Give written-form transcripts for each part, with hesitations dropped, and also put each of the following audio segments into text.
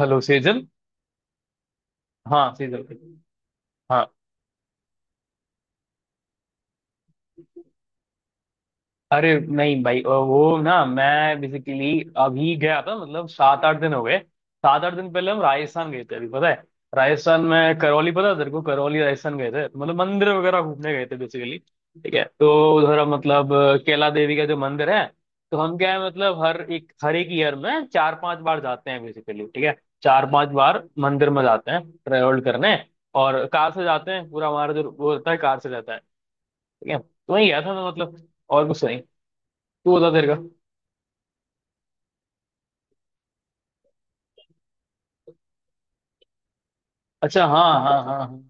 Hello Sejal. हाँ सेजल। हाँ। अरे नहीं भाई, वो ना मैं बेसिकली अभी गया था, मतलब 7-8 दिन हो गए। 7-8 दिन पहले हम राजस्थान गए थे अभी, पता है। राजस्थान में करौली, पता है तेरे को? करौली राजस्थान गए थे, मतलब मंदिर वगैरह घूमने गए थे बेसिकली। ठीक है तो उधर हम मतलब कैला देवी का जो मंदिर है। तो हम क्या है, मतलब हर एक ईयर में 4-5 बार जाते हैं बेसिकली। ठीक है, 4-5 बार मंदिर में जाते हैं ट्रेवल करने। और कार से जाते हैं, पूरा हमारा जो वो होता है कार से जाता है। ठीक है, तो वही गया था मैं, मतलब और कुछ नहीं। तू बता तेरे का? अच्छा हाँ हाँ हाँ हाँ।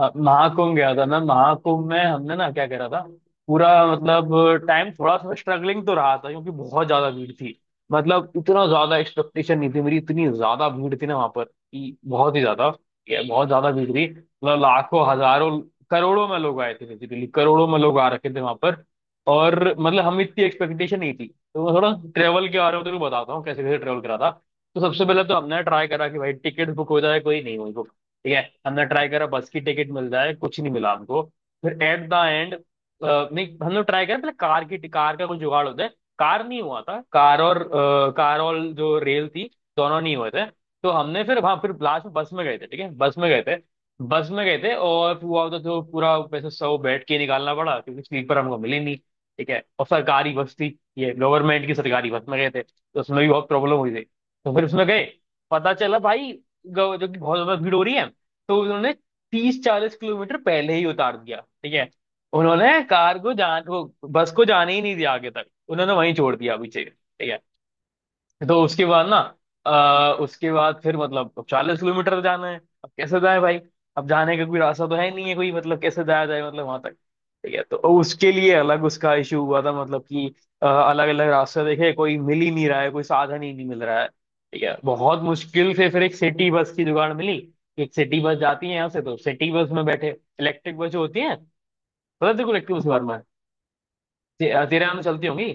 हाँ, महाकुंभ गया था मैं। महाकुंभ में हमने ना क्या करा था। पूरा मतलब टाइम थोड़ा थोड़ा स्ट्रगलिंग तो रहा था, क्योंकि बहुत ज्यादा भीड़ थी। मतलब इतना ज्यादा एक्सपेक्टेशन नहीं थी मेरी, इतनी ज्यादा भीड़ थी ना वहां पर कि बहुत ही ज्यादा। ये बहुत ज्यादा भीड़ थी। मतलब लाखों हजारों करोड़ों में लोग आए थे, लिटरली करोड़ों में लोग आ रखे थे वहां पर। और मतलब हम इतनी एक्सपेक्टेशन नहीं थी। तो मैं थोड़ा ट्रेवल के बारे में तो बताता हूँ कैसे कैसे ट्रेवल करा था। तो सबसे पहले तो हमने ट्राई करा कि भाई टिकट बुक हो जाए, कोई नहीं हुई। ठीक है, हमने ट्राई करा बस की टिकट मिल जाए, कुछ नहीं मिला हमको। फिर एट द एंड, नहीं, हमने ट्राई करा पहले कार का कुछ जुगाड़ होता है। कार नहीं हुआ था, कार और जो रेल थी, दोनों नहीं हुए थे। तो हमने फिर वहां फिर लास्ट में बस में गए थे। ठीक है, बस में गए थे। बस में गए थे, और फिर हुआ तो जो पूरा पैसे सौ बैठ के निकालना पड़ा क्योंकि स्लीपर हमको मिली नहीं। ठीक है, और सरकारी बस थी ये, गवर्नमेंट की सरकारी बस में गए थे, तो उसमें भी बहुत प्रॉब्लम हुई थी। तो फिर उसमें गए, पता चला भाई, जो कि बहुत ज्यादा भीड़ हो रही है। तो उन्होंने 30-40 किलोमीटर पहले ही उतार दिया। ठीक है, उन्होंने कार को जान वो बस को जाने ही नहीं दिया आगे तक, उन्होंने वहीं छोड़ दिया पीछे। ठीक है, तो उसके बाद ना उसके बाद फिर मतलब 40 किलोमीटर तो जाना है। अब कैसे जाए भाई? अब जाने का कोई रास्ता तो है नहीं, है कोई मतलब कैसे जाया जाए मतलब वहां तक। ठीक है, तो उसके लिए अलग उसका इशू हुआ था, मतलब कि अलग अलग रास्ते देखे, कोई मिल ही नहीं रहा है, कोई साधन ही नहीं मिल रहा है। ठीक है, बहुत मुश्किल से फिर एक सिटी बस की जुगाड़ मिली। एक सिटी बस जाती है यहाँ से, तो सिटी बस में बैठे, इलेक्ट्रिक बस जो होती है। पता है तेरे को इलेक्ट्रिक बस के बारे में? तेरे यहाँ में चलती होंगी।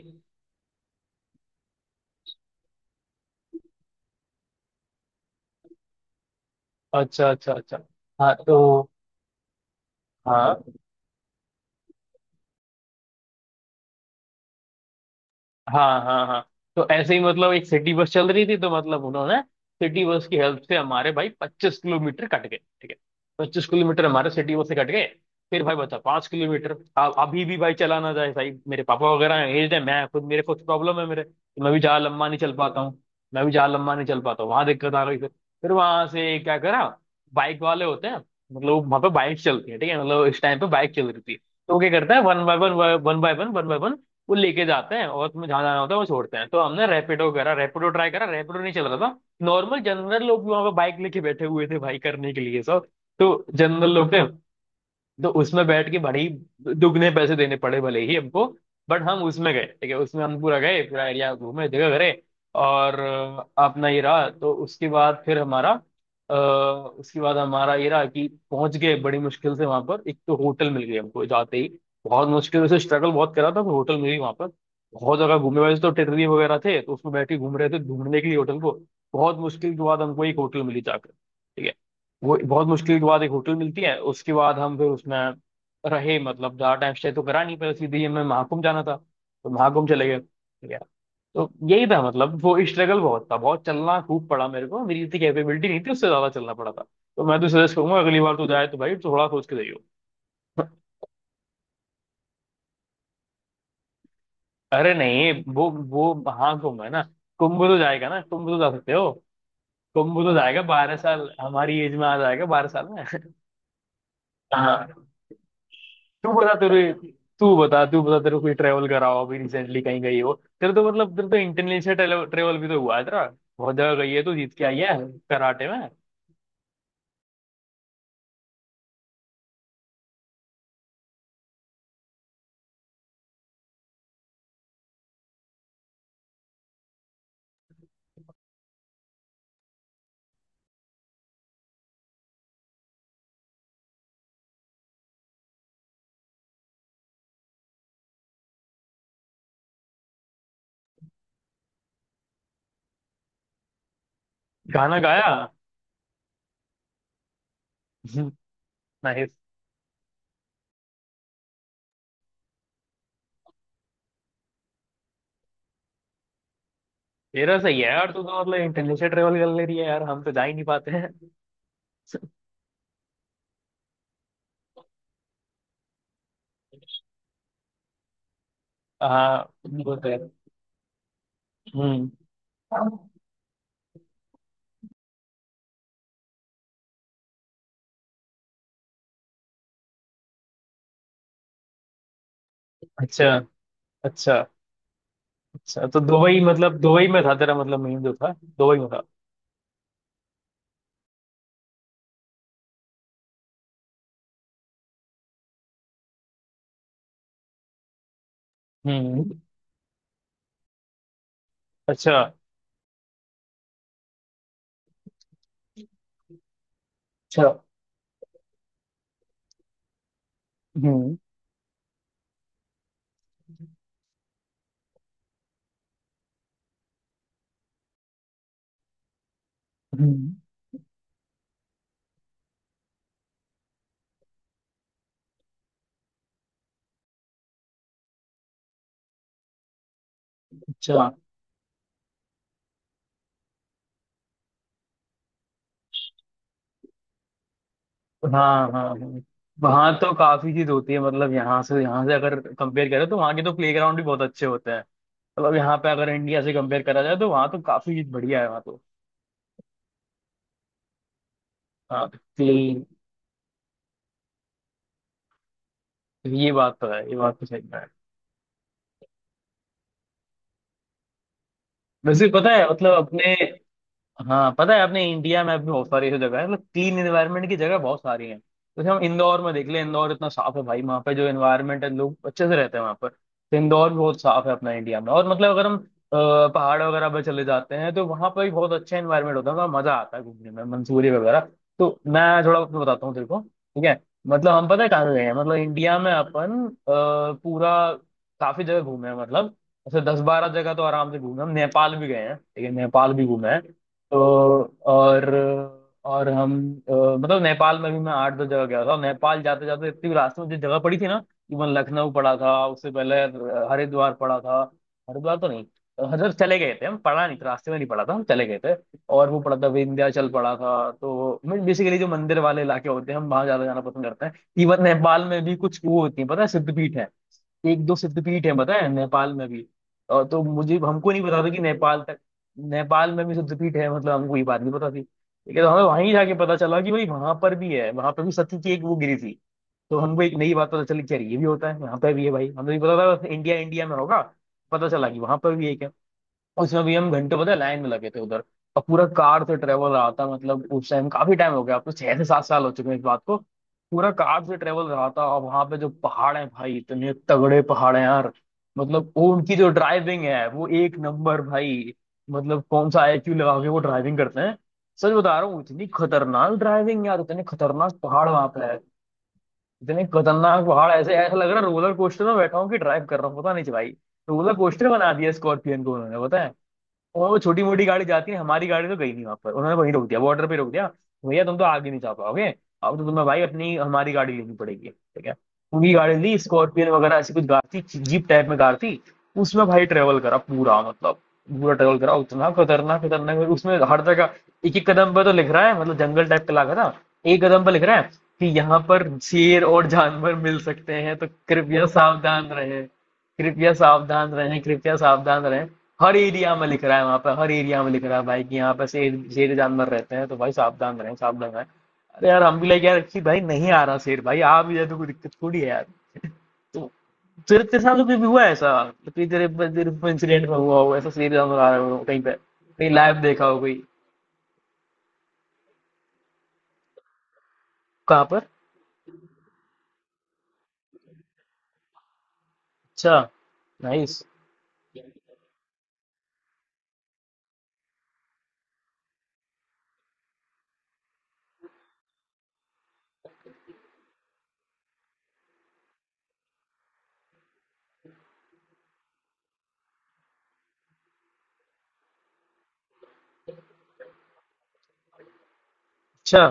अच्छा अच्छा अच्छा। हाँ तो। हाँ हाँ हाँ। हाँ तो ऐसे ही मतलब एक सिटी बस चल रही थी, तो मतलब उन्होंने सिटी बस की हेल्प से हमारे भाई 25 किलोमीटर कट गए। ठीक है, 25 किलोमीटर हमारे सिटी बस से कट गए। फिर भाई बता, 5 किलोमीटर अब अभी भी भाई चला ना जाए भाई, मेरे पापा वगैरह एज है, मैं खुद मेरे कुछ प्रॉब्लम है मेरे। मैं भी जहाँ लंबा नहीं चल पाता हूँ मैं भी जहाँ लंबा नहीं चल पाता हूँ वहां दिक्कत आ गई फिर। फिर वहां से क्या करा? बाइक वाले होते हैं, मतलब वहां पे बाइक चलती है। ठीक है, मतलब इस टाइम पे बाइक चल रही थी। तो वो क्या करता है, one by one one by one one by one वो लेके जाते हैं, और तुम्हें जहाँ जाना होता है वो छोड़ते हैं। तो हमने रैपिडो करा, रैपिडो ट्राई करा, रैपिडो नहीं चल रहा था। नॉर्मल जनरल लोग भी वहां पे बाइक लेके बैठे हुए थे भाई, करने के लिए सब। तो जनरल लोग थे। तो उसमें बैठ के बड़े ही दुगने पैसे देने पड़े भले ही हमको, बट हम उसमें गए। ठीक है, उसमें हम पूरा गए, पूरा एरिया घूमे जगह करे। और अपना ये रहा। तो उसके बाद फिर हमारा उसके बाद हमारा ये रहा कि पहुंच गए बड़ी मुश्किल से वहां पर, एक तो होटल मिल गई हमको जाते ही। बहुत मुश्किल से स्ट्रगल बहुत करा था, पर होटल मिल गई वहां पर। बहुत जगह घूमे वैसे तो, टेटरी वगैरह थे तो उसमें बैठ के घूम रहे थे ढूंढने के लिए होटल को। बहुत मुश्किल के बाद हमको एक होटल मिली जाकर। ठीक है, वो बहुत मुश्किल के बाद एक होटल मिलती है, उसके बाद हम फिर उसमें रहे। मतलब ज्यादा टाइम स्टे तो करा नहीं, पर सीधे ही हमें महाकुंभ जाना था। तो महाकुंभ चले गए। ठीक है, तो यही था, मतलब वो स्ट्रगल बहुत था, बहुत चलना खूब पड़ा मेरे को, मेरी इतनी कैपेबिलिटी नहीं थी, उससे ज्यादा चलना पड़ा था। तो मैं तो सजेस्ट करूंगा, अगली बार तो जाए तो भाई थोड़ा सोच के जाइयो। अरे नहीं, वो महाकुंभ है ना। कुंभ तो जाएगा ना, कुंभ तो जा सकते हो। कुंभ तो जाएगा 12 साल, हमारी एज में आ जाएगा 12 साल में। हाँ। तू बता तेरे तू बता तेरे को कोई ट्रेवल करा हो अभी रिसेंटली, कहीं गई हो? तेरे तो मतलब तेरे तो इंटरनेशनल ट्रेवल भी तो हुआ है तेरा। बहुत जगह गई है, तू जीत के आई है कराटे में। गाना गाया। नाइस। तेरा सही है यार, तू तो मतलब इंटरनेशनल ट्रेवल कर ले रही है यार, हम तो जा ही नहीं पाते हैं। हाँ। वो तो है। हम्म। अच्छा अच्छा अच्छा। तो दुबई, मतलब दुबई में था तेरा, मतलब मेन जो था दुबई में था। हम्म। अच्छा। अच्छा। हम्म। हम्म। अच्छा। हाँ हाँ हाँ। वहाँ तो काफी चीज होती है, मतलब यहाँ से अगर कंपेयर करें तो वहाँ के तो प्लेग्राउंड भी बहुत अच्छे होते हैं। मतलब यहाँ पे अगर इंडिया से कंपेयर करा जाए तो वहाँ तो काफी चीज बढ़िया है वहाँ तो। हाँ तो ये बात तो है, ये बात तो सही है। वैसे पता है मतलब अपने, हाँ पता है, अपने इंडिया में अभी बहुत सारी ऐसी जगह है, मतलब क्लीन एनवायरनमेंट की जगह बहुत सारी है। जैसे हम इंदौर में देख ले, इंदौर इतना साफ है भाई, वहाँ पे जो एनवायरनमेंट है, लोग अच्छे से रहते हैं वहाँ पर। तो इंदौर भी बहुत साफ है अपना इंडिया में, और मतलब अगर हम पहाड़ वगैरह पर चले जाते हैं तो वहाँ पर भी बहुत अच्छा एनवायरनमेंट होता है, वहाँ मजा आता है घूमने में, मंसूरी वगैरह। तो मैं थोड़ा अपना बताता हूँ तेरे को। ठीक है, मतलब हम पता है कहाँ गए हैं, मतलब इंडिया में अपन पूरा काफी जगह घूमे हैं, मतलब ऐसे 10-12 जगह तो आराम से घूमे हैं। हम नेपाल भी गए हैं, ठीक है, नेपाल भी घूमे हैं तो। और और हम मतलब नेपाल में भी मैं 8-10 जगह गया था। नेपाल जाते जाते इतनी रास्ते में जो जगह पड़ी थी ना, इवन लखनऊ पड़ा था उससे पहले। हरिद्वार पड़ा था। हरिद्वार तो नहीं, हरिद्वार चले गए थे हम, पढ़ा नहीं था रास्ते में, नहीं पड़ा था, हम चले गए थे। और वो पड़ा था, विंध्याचल पड़ा था तो। बेसिकली जो मंदिर वाले इलाके होते हैं, हम वहां ज्यादा जाना पसंद करते हैं। इवन नेपाल में भी कुछ वो होती है पता है, सिद्धपीठ। एक दो सिद्धपीठ है पता है नेपाल में भी। और तो मुझे हमको नहीं पता था कि नेपाल तक नेपाल में भी सिद्धपीठ है, मतलब हमको ये बात नहीं पता थी। लेकिन हमें वहीं जाके पता चला कि भाई वहां पर भी है, वहां पर भी सती की एक वो गिरी थी। तो हमको एक नई बात पता चली कि यार ये भी होता है, यहाँ पे भी है भाई, हमें भी पता था इंडिया इंडिया में होगा। पता चला कि वहां पर भी है। उसमें भी हम घंटे पता है लाइन में लगे थे उधर। और पूरा कार से ट्रेवल रहा था, मतलब उस टाइम काफी टाइम हो गया, अब तो 6 से 7 साल हो चुके हैं इस बात को। पूरा कार से ट्रेवल रहा था, और वहां पे जो पहाड़ है भाई, इतने तगड़े पहाड़ हैं यार। मतलब वो उनकी जो ड्राइविंग है वो एक नंबर भाई। मतलब कौन सा आईक्यू लगा के वो ड्राइविंग करते हैं। सच बता रहा हूँ, इतनी खतरनाक ड्राइविंग यार, इतने खतरनाक पहाड़ वहां पे है। इतने खतरनाक पहाड़ ऐसे ऐसा लग रहा है रोलर कोस्टर में बैठा हूँ कि ड्राइव कर रहा हूँ, पता नहीं भाई। रोलर कोस्टर बना दिया स्कॉर्पियन को उन्होंने, पता है। और वो छोटी मोटी गाड़ी जाती है, हमारी गाड़ी तो गई नहीं वहां पर, उन्होंने वहीं रोक दिया, बॉर्डर पे रोक दिया। भैया तुम तो आगे नहीं जा पाओगे। अब तो तुम्हें भाई अपनी हमारी गाड़ी लेनी पड़ेगी। ठीक है, उनकी गाड़ी ली, स्कॉर्पियन वगैरह ऐसी कुछ कार थी, जीप टाइप में कार थी। उसमें भाई ट्रेवल करा पूरा, मतलब पूरा ट्रेवल करा। उतना खतरनाक खतरनाक उसमें हर जगह एक एक कदम पर तो लिख रहा है, मतलब जंगल टाइप का इलाका था। एक कदम पर लिख रहा है कि यहाँ पर शेर और जानवर मिल सकते हैं, तो कृपया सावधान रहे, कृपया सावधान रहें, कृपया सावधान रहें। हर एरिया में लिख रहा है वहां पर, हर एरिया में लिख रहा है भाई, कि यहाँ पर शेर शेर जानवर रहते हैं, तो भाई सावधान रहें, सावधान रहें। अरे यार, हम भी लगे यार कि भाई नहीं आ रहा शेर, भाई आ भी जाए तो कोई दिक्कत थोड़ी है यार। तो तेरे तेरे साथ तो कभी हुआ है ऐसा कि तेरे तेरे इंसिडेंट में हुआ हो ऐसा, शेर जानवर आ रहा हो कहीं पे, कहीं लाइव देखा हो कोई? कहाँ पर? अच्छा, नाइस। अच्छा,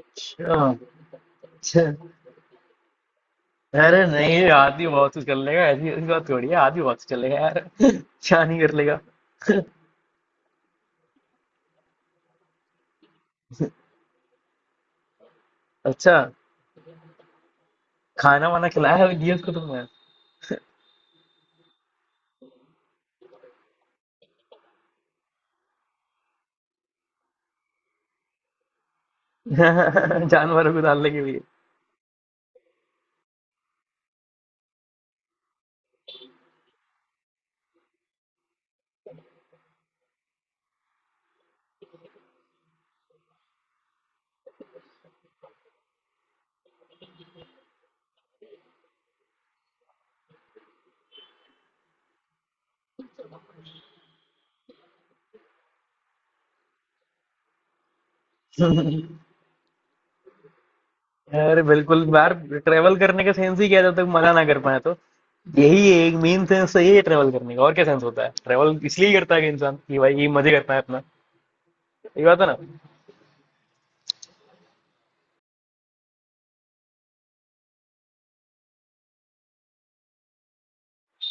अच्छा, अच्छा। अरे नहीं, आदमी बहुत कुछ कर लेगा, ऐसी ऐसी बात थोड़ी है, आदमी बहुत कुछ कर लेगा यार क्या नहीं कर लेगा। अच्छा, खाना वाना खिलाया है दिया उसको तुमने? जानवरों को डालने के लिए? अरे बिल्कुल यार, ट्रेवल करने का सेंस ही क्या है, जब तक मना ना कर पाए तो। यही एक मेन सेंस तो यही है ट्रेवल करने का, और क्या सेंस होता है, ट्रेवल इसलिए करता है कि इंसान कि भाई ये मजे करता है अपना, ये बात है ना।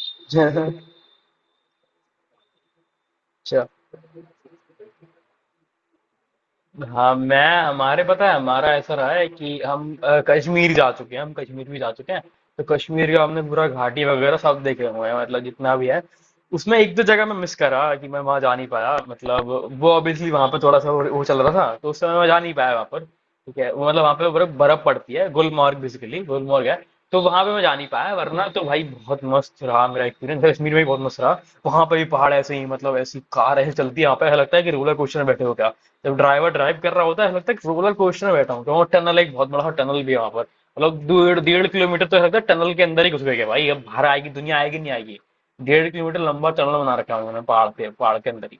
अच्छा। हाँ, मैं हमारे पता है, हमारा ऐसा रहा है कि हम कश्मीर जा चुके हैं, हम कश्मीर भी जा चुके हैं। तो कश्मीर का हमने पूरा घाटी वगैरह सब देखे हुए हैं, मतलब जितना भी है। उसमें एक दो जगह मैं मिस करा कि मैं वहां जा नहीं पाया, मतलब वो ऑब्वियसली वहां पर थोड़ा सा वो चल रहा था तो उस समय मैं जा नहीं पाया वहां पर। ठीक है, वो मतलब वहां पे बर्फ बर्फ पड़ती है, गुलमर्ग बेसिकली गुलमर्ग है। तो वहां पे मैं जा नहीं पाया, वरना तो भाई बहुत मस्त रहा, मेरा एक्सपीरियंस कश्मीर में भी बहुत मस्त रहा। वहां पे भी पहाड़ ऐसे ही, मतलब ऐसी कार ऐसे चलती है यहाँ पे, ऐसा लगता है कि रोलर कोस्टर में बैठे हो क्या। जब ड्राइवर ड्राइव कर रहा होता है ऐसा लगता है कि रोलर कोस्टर में बैठा हूँ। तो वहाँ टनल, एक बहुत बड़ा टनल भी है वहां पर, मतलब 1.5 1.5 किलोमीटर, तो ऐसा लगता है टनल के अंदर ही घुस गए क्या भाई, अब बाहर आएगी दुनिया, आएगी नहीं आएगी। 1.5 किलोमीटर लंबा टनल बना रखा है उन्होंने पहाड़ पे, पहाड़ के अंदर ही।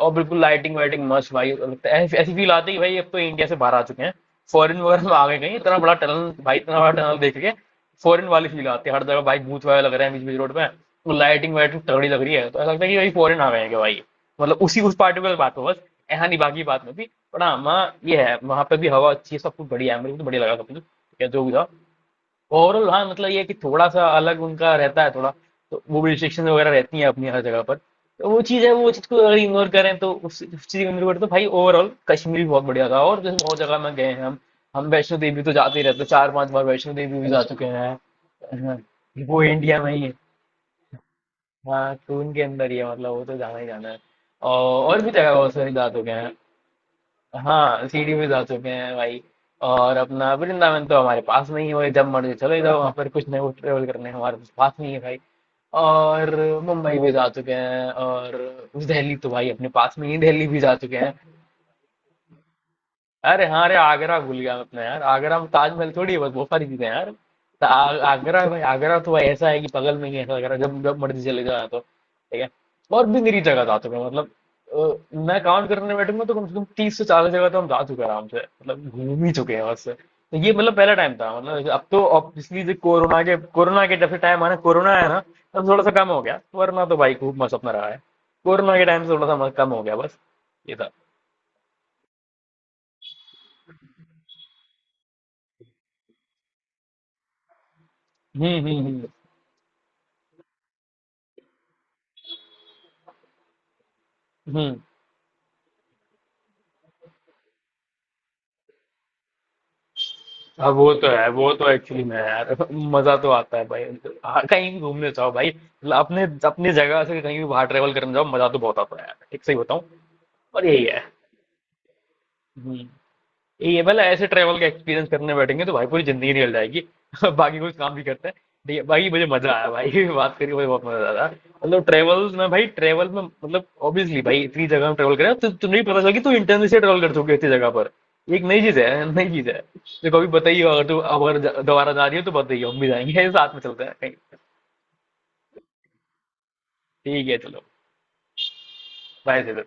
और बिल्कुल लाइटिंग वाइटिंग मस्त भाई लगता है, ऐसी ऐसी फील आती है कि भाई अब तो इंडिया से बाहर आ चुके हैं, फॉरेन वगैरह में आ गए कहीं, इतना बड़ा टनल भाई, इतना बड़ा टनल देख के फॉरेन वाली फील आती है। हर जगह भाई भूत वाला लग रहा है, बीच बीच रोड पे वो लाइटिंग वाइटिंग तगड़ी लग रही है, तो ऐसा लगता है कि भाई फॉरेन आ गए हैं क्या भाई, मतलब उसी उस पार्टिकुलर बात पे बस। ऐसा नहीं बाकी बात में भी, पर हाँ वहाँ ये है, वहाँ पे भी हवा अच्छी है, सब कुछ बढ़िया है, मेरे को तो बढ़िया लगा सब कुछ, या जो भी था। ओवरऑल हाँ, मतलब ये है कि थोड़ा सा अलग उनका रहता है थोड़ा, तो वो भी रिस्ट्रिक्शन वगैरह रहती हैं अपनी हर जगह पर, तो वो चीज़ है, वो चीज़ को अगर इग्नोर करें, तो उस चीज़ को इग्नोर करें तो भाई ओवरऑल कश्मीर भी बहुत बढ़िया था। और जैसे बहुत जगह में गए हैं हम वैष्णो देवी तो जाते ही रहते हैं, 4 5 बार वैष्णो देवी भी जा अच्छा चुके हैं। हाँ, वो इंडिया में ही है, हाँ तो उनके अंदर ही है, मतलब वो तो जाना ही जाना है। और भी जगह बहुत सारी जा चुके हैं। हाँ, सीडी में जा चुके हैं भाई। और अपना वृंदावन तो हमारे पास में ही है भाई, जब मर्जी चले जाओ वहाँ पर, कुछ नए ट्रेवल करने हमारे पास में ही है भाई। और मुंबई भी जा चुके हैं, और दिल्ली तो भाई अपने पास में ही, दिल्ली भी जा चुके हैं। अरे हाँ, अरे आगरा भूल गया मैं अपना यार, आगरा में ताजमहल थोड़ी है बस, बहुत सारी चीजें हैं यार। तो आगरा है भाई, आगरा तो भाई ऐसा है कि बगल में ही है ऐसा, आगरा जब जब मर्जी चले जाओ यहाँ तो ठीक है। और भी मेरी जगह जा चुका हूं, मतलब मैं काउंट करने बैठूंगा तो कम से कम 30 से 40 जगह तो हम जा चुके हैं आराम से, मतलब घूम ही चुके हैं बस। तो ये मतलब पहला टाइम था, मतलब अब तो ऑब्वियसली कोरोना के जब से टाइम आना, कोरोना आया ना, तब थोड़ा सा कम हो गया, वरना तो भाई खूब मस्त अपना रहा है। कोरोना के टाइम से थोड़ा सा मस्त कम हो गया बस, ये था। हम्म, हम्म, हम्म, हम्म, हाँ वो तो है, वो तो एक्चुअली में है यार, मजा तो आता है भाई। हाँ, कहीं भी घूमने जाओ भाई, मतलब अपने अपनी जगह से कहीं भी बाहर ट्रेवल करने जाओ, मजा तो बहुत आता है यार, ठीक सही बताऊं। पर यही है। हम्म। ये वाला ऐसे ट्रैवल का एक्सपीरियंस करने बैठेंगे तो भाई पूरी जिंदगी निकल जाएगी बाकी कुछ काम भी करते हैं। ठीक है भाई, मुझे मजा आया भाई बात करके मुझे बहुत मजा आया। मतलब ट्रैवल में भाई, ट्रैवल में मतलब ऑब्वियसली भाई इतनी जगह में ट्रैवल करें तो तुम्हें भी पता चला कि तू इंटरनेट से ट्रैवल कर चुके इतनी जगह पर। ये एक नई चीज है, नई चीज है। तो कभी बताइए, अगर तू अगर दोबारा जा रही हो तो बताइए, हम भी जाएंगे, साथ में चलते हैं कहीं। ठीक है चलो, बाय से।